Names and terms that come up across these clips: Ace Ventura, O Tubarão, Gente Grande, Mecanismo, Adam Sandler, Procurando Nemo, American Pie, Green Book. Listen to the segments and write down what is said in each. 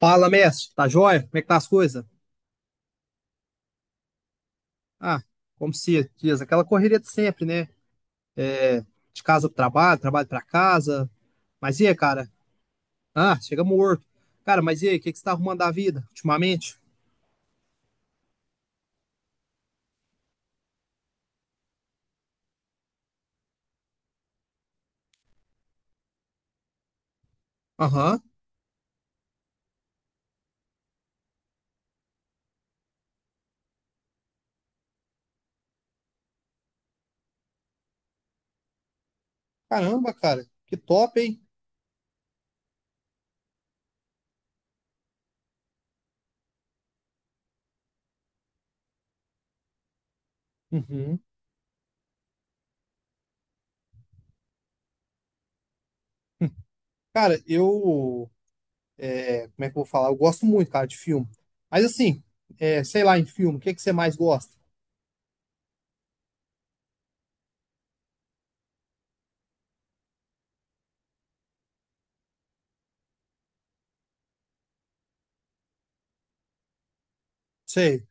Fala, mestre. Tá joia? Como é que tá as coisas? Ah, como se diz, aquela correria de sempre, né? É, de casa pro trabalho, trabalho pra casa. Mas e aí, cara? Ah, chega morto. Cara, mas e aí, o que que você tá arrumando da vida ultimamente? Aham. Caramba, cara. Que top, hein? Uhum. Cara, como é que eu vou falar? Eu gosto muito, cara, de filme. Mas assim, sei lá, em filme, o que que você mais gosta? Sei.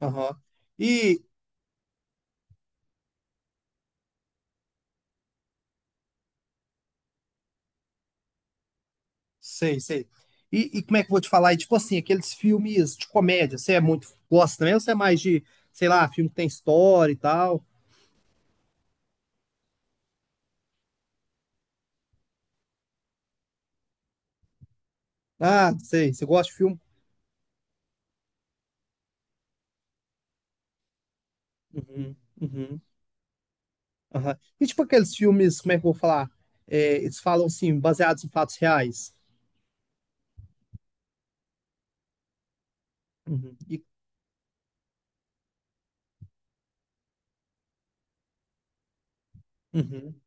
Aham. Sei, sei. E como é que eu vou te falar? E tipo assim, aqueles filmes de comédia, você gosta também ou você é mais de, sei lá, filme que tem história e tal? Ah, sei, você gosta de filme? Uhum, uhum, aham. E tipo aqueles filmes, como é que eu vou falar? É, eles falam assim, baseados em fatos reais. Uhum, uhum.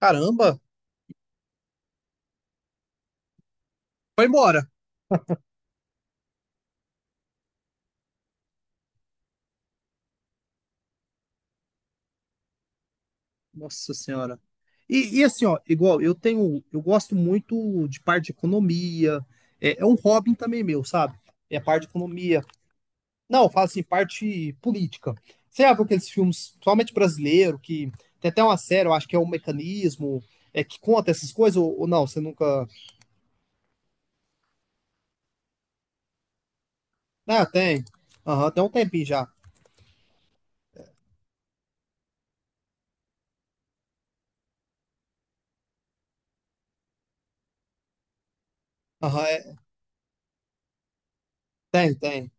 Caramba, foi embora. Nossa Senhora. E assim, ó, igual, eu gosto muito de parte de economia, é um hobby também meu, sabe? É a parte de economia, não, fala assim, parte política. Você já viu aqueles filmes, principalmente brasileiro, que tem até uma série, eu acho que é o Mecanismo, é que conta essas coisas, ou não? Você nunca. Ah, tem. Aham, tem um tempinho já. Aham, tem, tem.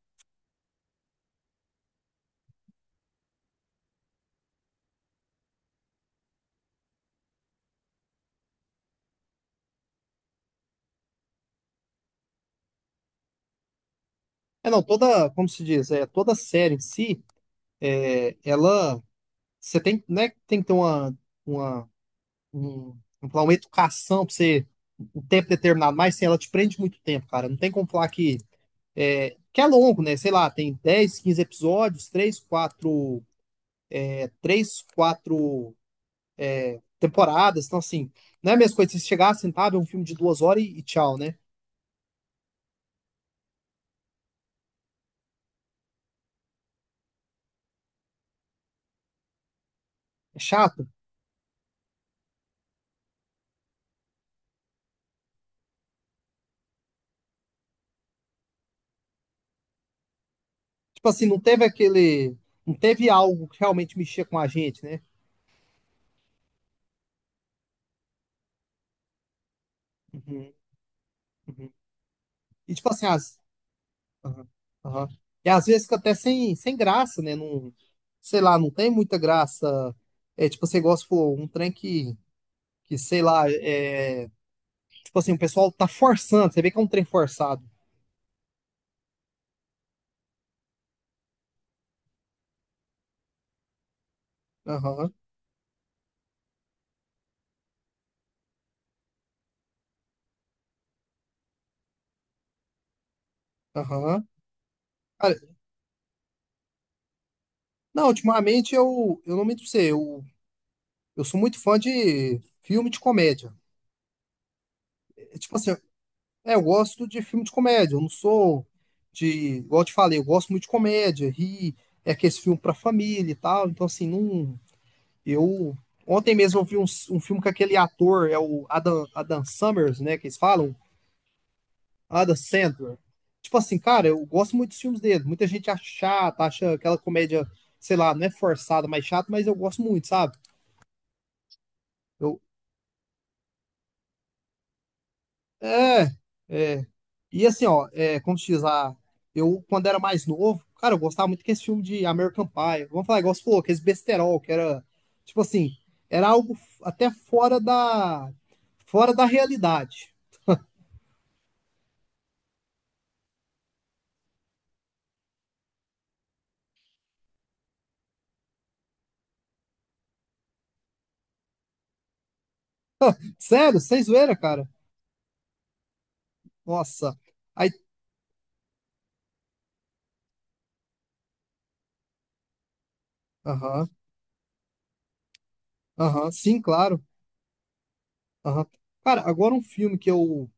É, não, toda, como se diz, toda série em si, é, ela, você tem, né, tem que ter uma, um, vamos falar, uma educação pra você, um tempo determinado, mas assim, ela te prende muito tempo, cara. Não tem como falar que é longo, né? Sei lá, tem 10 15 episódios, 3, 4 temporadas. Então, assim, não é a mesma coisa se chegar, sentar, ver um filme de 2 horas e tchau, né? É chato. Tipo assim, não teve aquele. Não teve algo que realmente mexia com a gente, né? Uhum, uhum. E tipo assim, as. Aham, aham. E às vezes fica até sem graça, né? Não, sei lá, não tem muita graça. É tipo, você gosta, pô, um trem que sei lá, é. Tipo assim, o pessoal tá forçando, você vê que é um trem forçado. Aham, aham. Cara, não, ultimamente eu não me sei, eu sou muito fã de filme de comédia. É, tipo assim, eu gosto de filme de comédia, eu não sou de, igual eu te falei, eu gosto muito de comédia, ri, é aquele filme pra família e tal, então assim, não, eu, ontem mesmo eu vi um filme com aquele ator, é o Adam, Adam Summers, né, que eles falam, Adam Sandler. Tipo assim, cara, eu gosto muito dos filmes dele. Muita gente acha chata, acha aquela comédia, sei lá, não é forçada, mas chata, mas eu gosto muito, sabe? Eu, é, é. E assim, ó, é, como se diz lá, quando era mais novo, cara, eu gostava muito desse filme de American Pie. Vamos falar, igual você falou, aqueles besterol, que era, tipo assim, era algo até fora da realidade. Sério, sem zoeira, cara. Nossa. Aí, aham, aham, sim, claro. Aham. Cara, agora um filme que eu,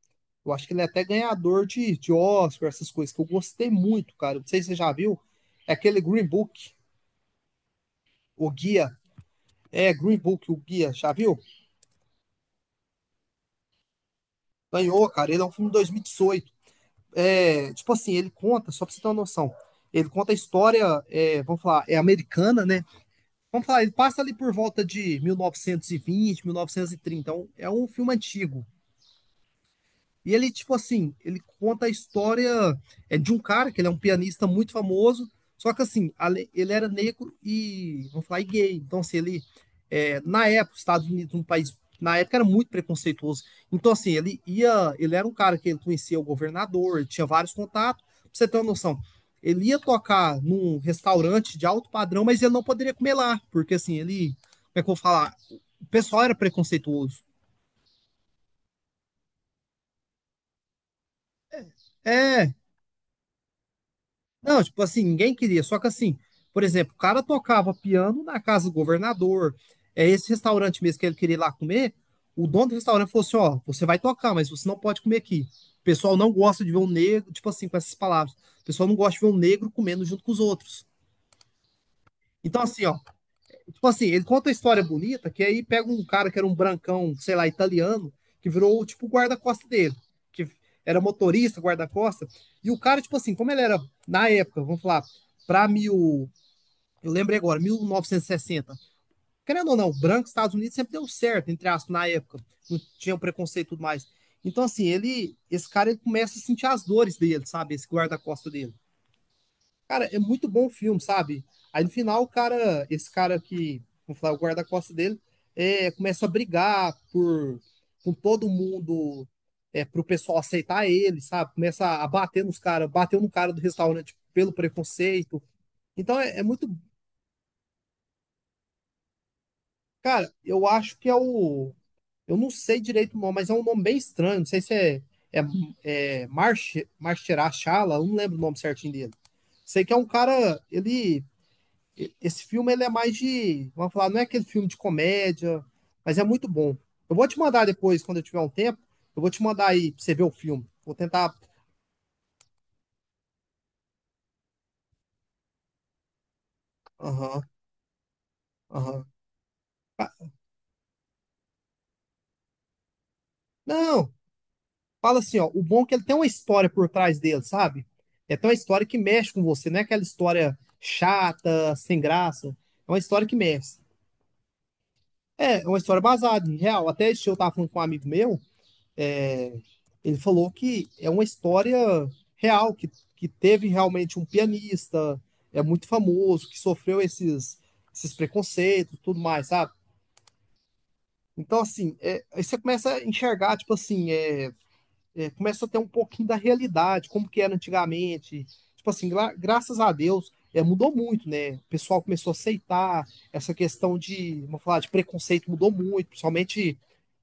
eu acho que ele é até ganhador de Oscar, essas coisas, que eu gostei muito, cara. Não sei se você já viu. É aquele Green Book, o Guia. É, Green Book, o Guia, já viu? Ganhou, cara. Ele é um filme de 2018. É, tipo assim, ele conta, só pra você ter uma noção. Ele conta a história, vamos falar, é americana, né? Vamos falar, ele passa ali por volta de 1920, 1930. Então, é um filme antigo. E ele, tipo assim, ele conta a história é de um cara, que ele é um pianista muito famoso, só que assim, ele era negro e, vamos falar, e gay. Então, assim, ele, na época, os Estados Unidos, um país, na época era muito preconceituoso. Então, assim, ele ia, ele era um cara que ele conhecia o governador, ele tinha vários contatos. Pra você ter uma noção, ele ia tocar num restaurante de alto padrão, mas ele não poderia comer lá, porque assim, ele, como é que eu vou falar? O pessoal era preconceituoso. É, não, tipo assim, ninguém queria. Só que assim, por exemplo, o cara tocava piano na casa do governador. É esse restaurante mesmo que ele queria ir lá comer. O dono do restaurante falou assim: ó, você vai tocar, mas você não pode comer aqui. O pessoal não gosta de ver um negro, tipo assim, com essas palavras. O pessoal não gosta de ver um negro comendo junto com os outros. Então, assim, ó, tipo assim, ele conta a história bonita, que aí pega um cara que era um brancão, sei lá, italiano, que virou tipo o guarda-costa dele, que era motorista, guarda-costa. E o cara, tipo assim, como ele era na época, vamos falar, para mil. Eu lembrei agora, 1960. Querendo ou não, branco, Estados Unidos sempre deu certo, entre aspas, na época. Não tinha um preconceito e tudo mais. Então, assim, ele, esse cara ele começa a sentir as dores dele, sabe? Esse guarda-costa dele. Cara, é muito bom o filme, sabe? Aí no final, o cara, esse cara que, vamos falar, o guarda-costas dele, começa a brigar por, com todo mundo, pro pessoal aceitar ele, sabe? Começa a bater nos caras, bateu no cara do restaurante pelo preconceito. Então é muito. Cara, eu acho que é o. Eu não sei direito o nome, mas é um nome bem estranho. Não sei se é, é March, Marcherachala, eu não lembro o nome certinho dele. Sei que é um cara. Ele Esse filme ele é mais de, vamos falar, não é aquele filme de comédia, mas é muito bom. Eu vou te mandar depois, quando eu tiver um tempo, eu vou te mandar aí pra você ver o filme. Vou tentar. Aham, aham. Fa- Não, fala assim, ó. O bom é que ele tem uma história por trás dele, sabe? É até uma história que mexe com você, não é aquela história chata, sem graça. É uma história que mexe. É uma história baseada em real. Até esse dia eu tava falando com um amigo meu. Ele falou que é uma história real, que teve realmente um pianista, é muito famoso, que sofreu esses preconceitos, tudo mais, sabe? Então, assim, aí você começa a enxergar, tipo assim, começa a ter um pouquinho da realidade, como que era antigamente. Tipo assim, graças a Deus, mudou muito, né? O pessoal começou a aceitar essa questão de, vamos falar, de preconceito mudou muito, principalmente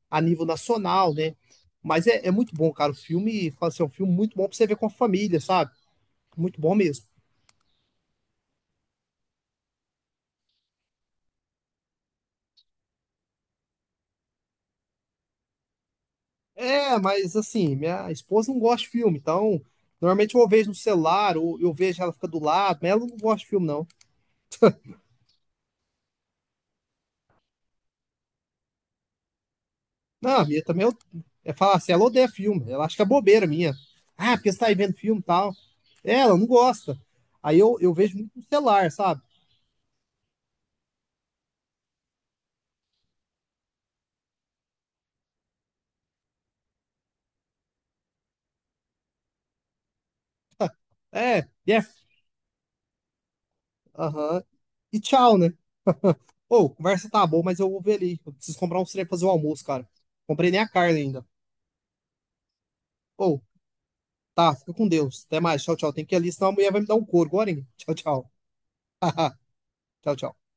a nível nacional, né? Mas é muito bom, cara. O filme, assim, é um filme muito bom pra você ver com a família, sabe? Muito bom mesmo. É, mas assim, minha esposa não gosta de filme, então normalmente eu vejo no celular, ou eu vejo ela fica do lado, mas ela não gosta de filme, não. Não, a minha também eu, é falar assim, ela odeia filme, ela acha que é bobeira minha. Ah, porque você tá aí vendo filme e tal. É, ela não gosta. Aí eu vejo muito no celular, sabe? É, yeah, aham, e tchau, né? Ô, conversa tá boa, mas eu vou ver ali. Eu preciso comprar uns trem pra fazer o almoço, cara. Comprei nem a carne ainda. Ô, tá, fica com Deus. Até mais. Tchau, tchau. Tem que ir ali, senão a mulher vai me dar um couro agora, hein? Tchau, tchau. Tchau, tchau.